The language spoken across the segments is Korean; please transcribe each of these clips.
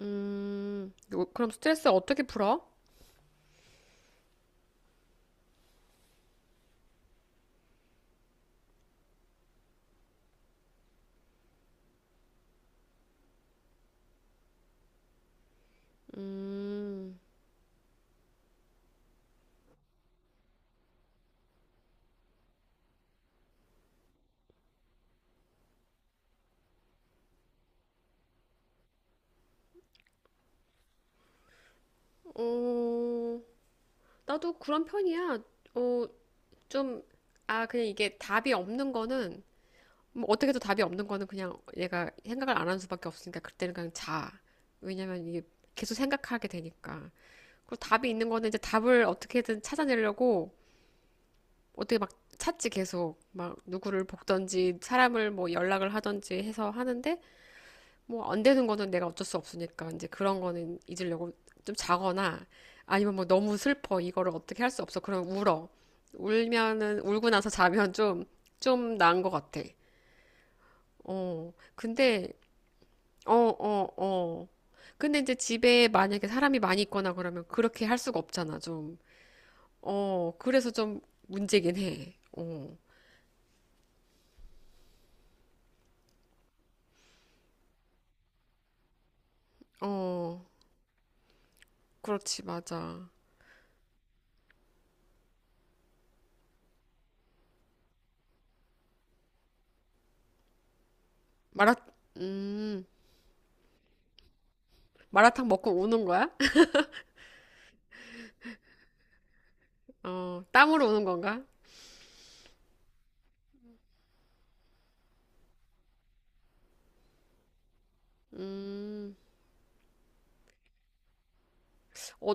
그럼 스트레스 어떻게 풀어? 어, 나도 그런 편이야. 어, 좀, 아, 그냥 이게 답이 없는 거는, 뭐 어떻게 해도 답이 없는 거는 그냥 얘가 생각을 안 하는 수밖에 없으니까 그때는 그냥 자. 왜냐면 이게 계속 생각하게 되니까. 그리고 답이 있는 거는 이제 답을 어떻게든 찾아내려고 어떻게 막 찾지 계속. 막 누구를 볶던지 사람을 뭐 연락을 하던지 해서 하는데 뭐 안 되는 거는 내가 어쩔 수 없으니까 이제 그런 거는 잊으려고 좀 자거나 아니면 뭐 너무 슬퍼 이거를 어떻게 할 수 없어 그럼 울어. 울면은 울고 나서 자면 좀 나은 것 같아. 근데 어, 어, 어. 근데 이제 집에 만약에 사람이 많이 있거나 그러면 그렇게 할 수가 없잖아, 좀. 그래서 좀 문제긴 해어어. 그렇지, 맞아. 마라 음 마라탕 먹고 우는 거야? 땀으로 우는 건가? 음, 어,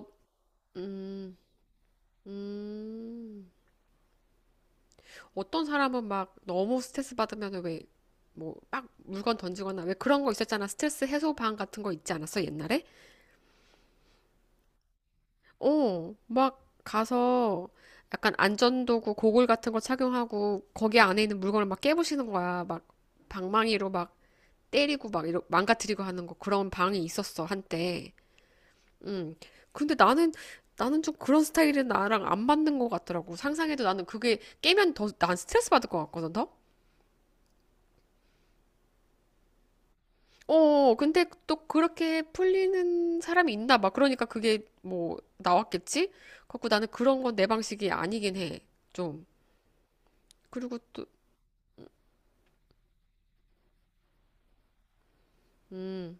음, 음. 어떤 사람은 막 너무 스트레스 받으면 왜, 뭐, 막 물건 던지거나 왜 그런 거 있었잖아. 스트레스 해소방 같은 거 있지 않았어, 옛날에? 막 가서 약간 안전도구, 고글 같은 거 착용하고 거기 안에 있는 물건을 막 깨부시는 거야. 막 방망이로 막 때리고 막 망가뜨리고 하는 거, 그런 방이 있었어, 한때. 음. 근데 나는 좀 그런 스타일은 나랑 안 맞는 것 같더라고. 상상해도 나는 그게 깨면 더 난 스트레스 받을 것 같거든, 더. 근데 또 그렇게 풀리는 사람이 있나 봐. 그러니까 그게 뭐 나왔겠지? 그래갖고 나는 그런 건 내 방식이 아니긴 해. 좀. 그리고 또, 음,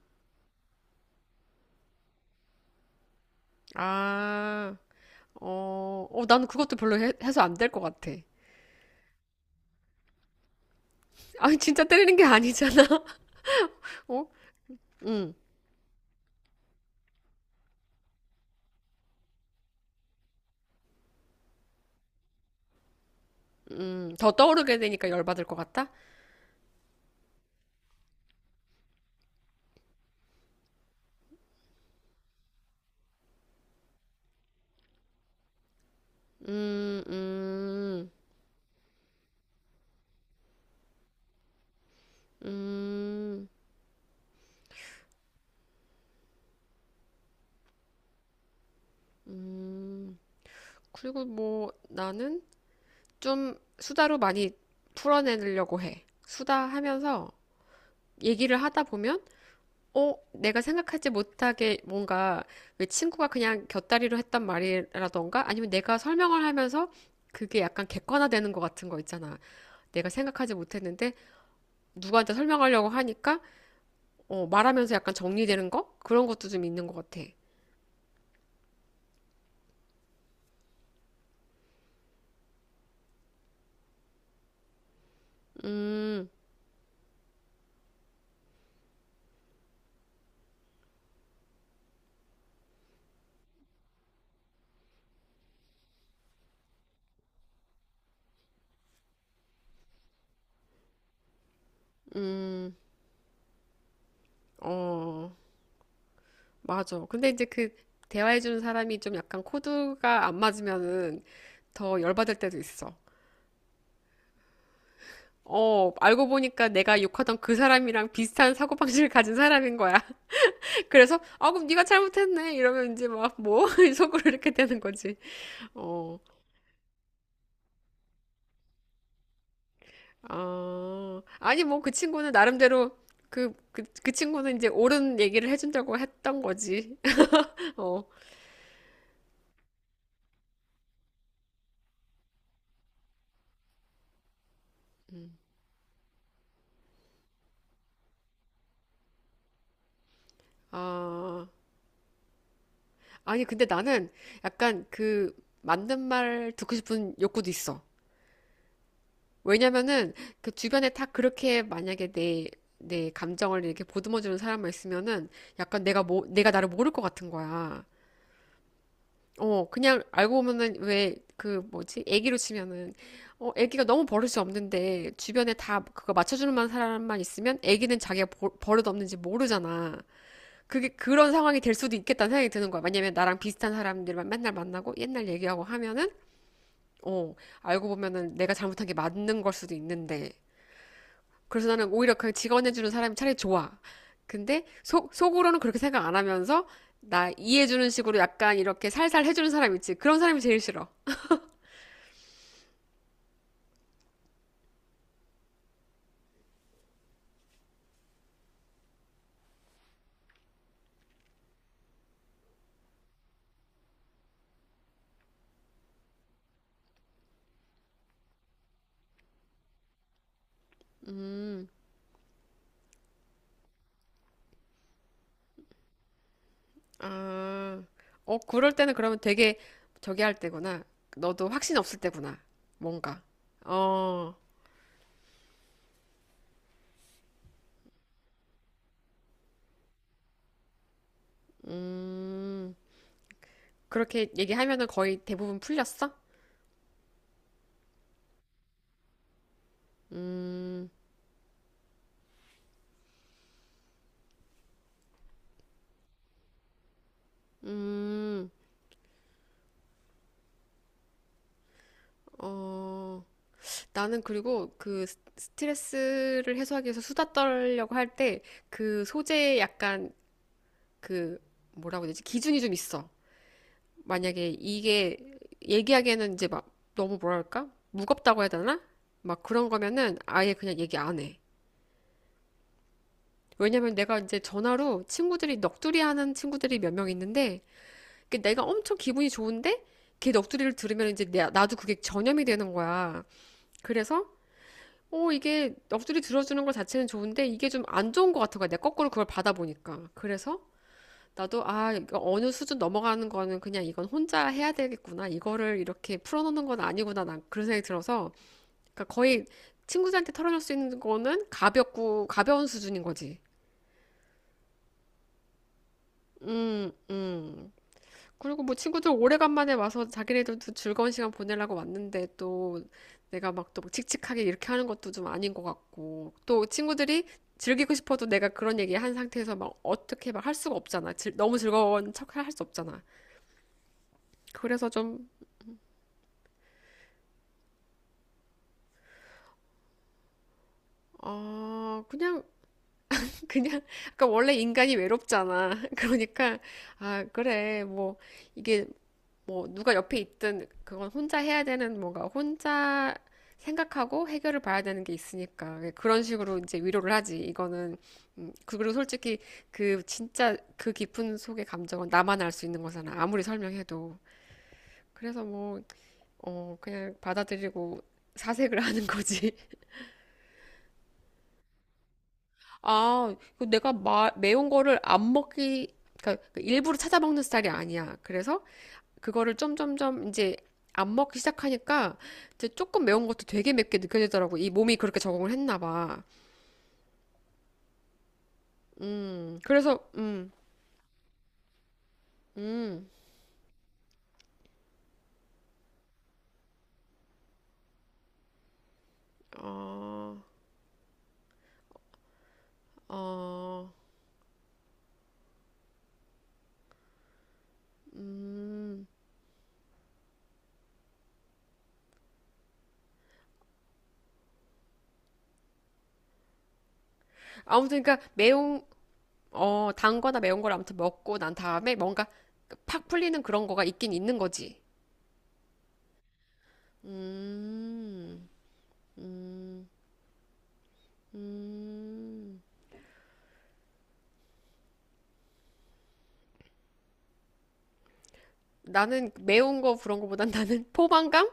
아, 어, 어, 나는 그것도 별로 해서 안 될 것 같아. 아니, 진짜 때리는 게 아니잖아. 어? 음, 더 떠오르게 되니까 열받을 것 같다? 음, 음. 음, 음. 그리고 뭐 나는 좀 수다로 많이 풀어내려고 해. 수다하면서 얘기를 하다 보면, 내가 생각하지 못하게 뭔가, 왜 친구가 그냥 곁다리로 했던 말이라던가 아니면 내가 설명을 하면서 그게 약간 객관화되는 것 같은 거 있잖아. 내가 생각하지 못했는데 누구한테 설명하려고 하니까 말하면서 약간 정리되는 거? 그런 것도 좀 있는 것 같아. 음, 어. 맞아. 근데 이제 그 대화해주는 사람이 좀 약간 코드가 안 맞으면은 더 열받을 때도 있어. 알고 보니까 내가 욕하던 그 사람이랑 비슷한 사고방식을 가진 사람인 거야. 그래서, 아, 그럼 네가 잘못했네. 이러면 이제 막, 뭐? 속으로 이렇게 되는 거지. 어, 아니, 뭐, 그 친구는 나름대로, 그 친구는 이제 옳은 얘기를 해준다고 했던 거지. 어, 아, 아니, 근데 나는 약간 그 맞는 말 듣고 싶은 욕구도 있어. 왜냐면은 그 주변에 다 그렇게 만약에 내 감정을 이렇게 보듬어주는 사람만 있으면은 약간 내가 뭐, 내가 나를 모를 것 같은 거야. 그냥 알고 보면은 왜, 그 뭐지? 애기로 치면은, 애기가 너무 버릇이 없는데 주변에 다 그거 맞춰주는 만 사람만 있으면 애기는 자기가 버릇 없는지 모르잖아. 그게 그런 상황이 될 수도 있겠다는 생각이 드는 거야. 왜냐면 나랑 비슷한 사람들만 맨날 만나고 옛날 얘기하고 하면은 어, 알고 보면은 내가 잘못한 게 맞는 걸 수도 있는데. 그래서 나는 오히려 그 직원해주는 사람이 차라리 좋아. 근데 속으로는 그렇게 생각 안 하면서 나 이해해주는 식으로 약간 이렇게 살살 해주는 사람 있지. 그런 사람이 제일 싫어. 아, 그럴 때는 그러면 되게 저기 할 때구나. 너도 확신 없을 때구나. 뭔가. 어, 음, 그렇게 얘기하면은 거의 대부분 풀렸어? 음, 음, 어. 나는 그리고 그 스트레스를 해소하기 위해서 수다 떨려고 할 때 그 소재에 약간, 그, 뭐라고 해야 되지? 기준이 좀 있어. 만약에 이게 얘기하기에는 이제 막 너무 뭐랄까? 무겁다고 해야 되나? 막 그런 거면은 아예 그냥 얘기 안 해. 왜냐면 내가 이제 전화로 친구들이 넋두리 하는 친구들이 몇 명 있는데 그, 내가 엄청 기분이 좋은데 걔 넋두리를 들으면 이제 나도 그게 전염이 되는 거야. 그래서 오, 이게 넋두리 들어주는 것 자체는 좋은데 이게 좀 안 좋은 것 같은 거야. 내가 거꾸로 그걸 받아보니까. 그래서 나도, 아, 이거 어느 수준 넘어가는 거는 그냥 이건 혼자 해야 되겠구나, 이거를 이렇게 풀어놓는 건 아니구나, 난 그런 생각이 들어서. 그러니까 거의 친구들한테 털어놓을 수 있는 거는 가볍고 가벼운 수준인 거지. 음, 음. 그리고 뭐 친구들 오래간만에 와서 자기네들도 즐거운 시간 보내려고 왔는데 또 내가 막 또 칙칙하게 이렇게 하는 것도 좀 아닌 것 같고, 또 친구들이 즐기고 싶어도 내가 그런 얘기 한 상태에서 막 어떻게 막 할 수가 없잖아. 너무 즐거운 척할 수 없잖아. 그래서 좀, 그냥, 그냥, 그까 원래 인간이 외롭잖아. 그러니까, 아, 그래, 뭐, 이게, 뭐 누가 옆에 있든 그건 혼자 해야 되는, 뭔가 혼자 생각하고 해결을 봐야 되는 게 있으니까 그런 식으로 이제 위로를 하지. 이거는, 그, 그리고 솔직히 그 진짜 그 깊은 속의 감정은 나만 알 수 있는 거잖아, 아무리 설명해도. 그래서 뭐 그냥 받아들이고 사색을 하는 거지. 아, 이거 내가 매운 거를 안 먹기, 그러니까 일부러 찾아 먹는 스타일이 아니야. 그래서 그거를 점점점 이제 안 먹기 시작하니까 이제 조금 매운 것도 되게 맵게 느껴지더라고. 이 몸이 그렇게 적응을 했나 봐. 그래서, 음, 어, 어, 음. 아무튼, 그러니까 단 거나 매운 걸 아무튼 먹고 난 다음에 뭔가 팍 풀리는 그런 거가 있긴 있는 거지. 음, 음. 나는 매운 거 그런 거보단 나는 포만감?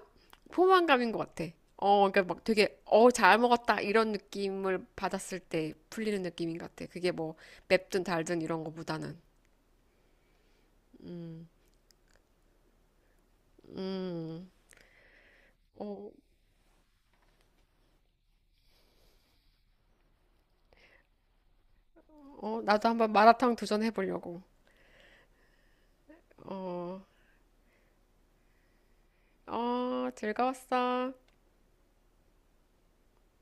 포만감인 것 같아. 그러니까 막 되게, 잘 먹었다 이런 느낌을 받았을 때 풀리는 느낌인 것 같아. 그게 뭐 맵든 달든 이런 거보다는. 음, 어, 어, 나도 한번 마라탕 도전해 보려고. 어, 어, 즐거웠어.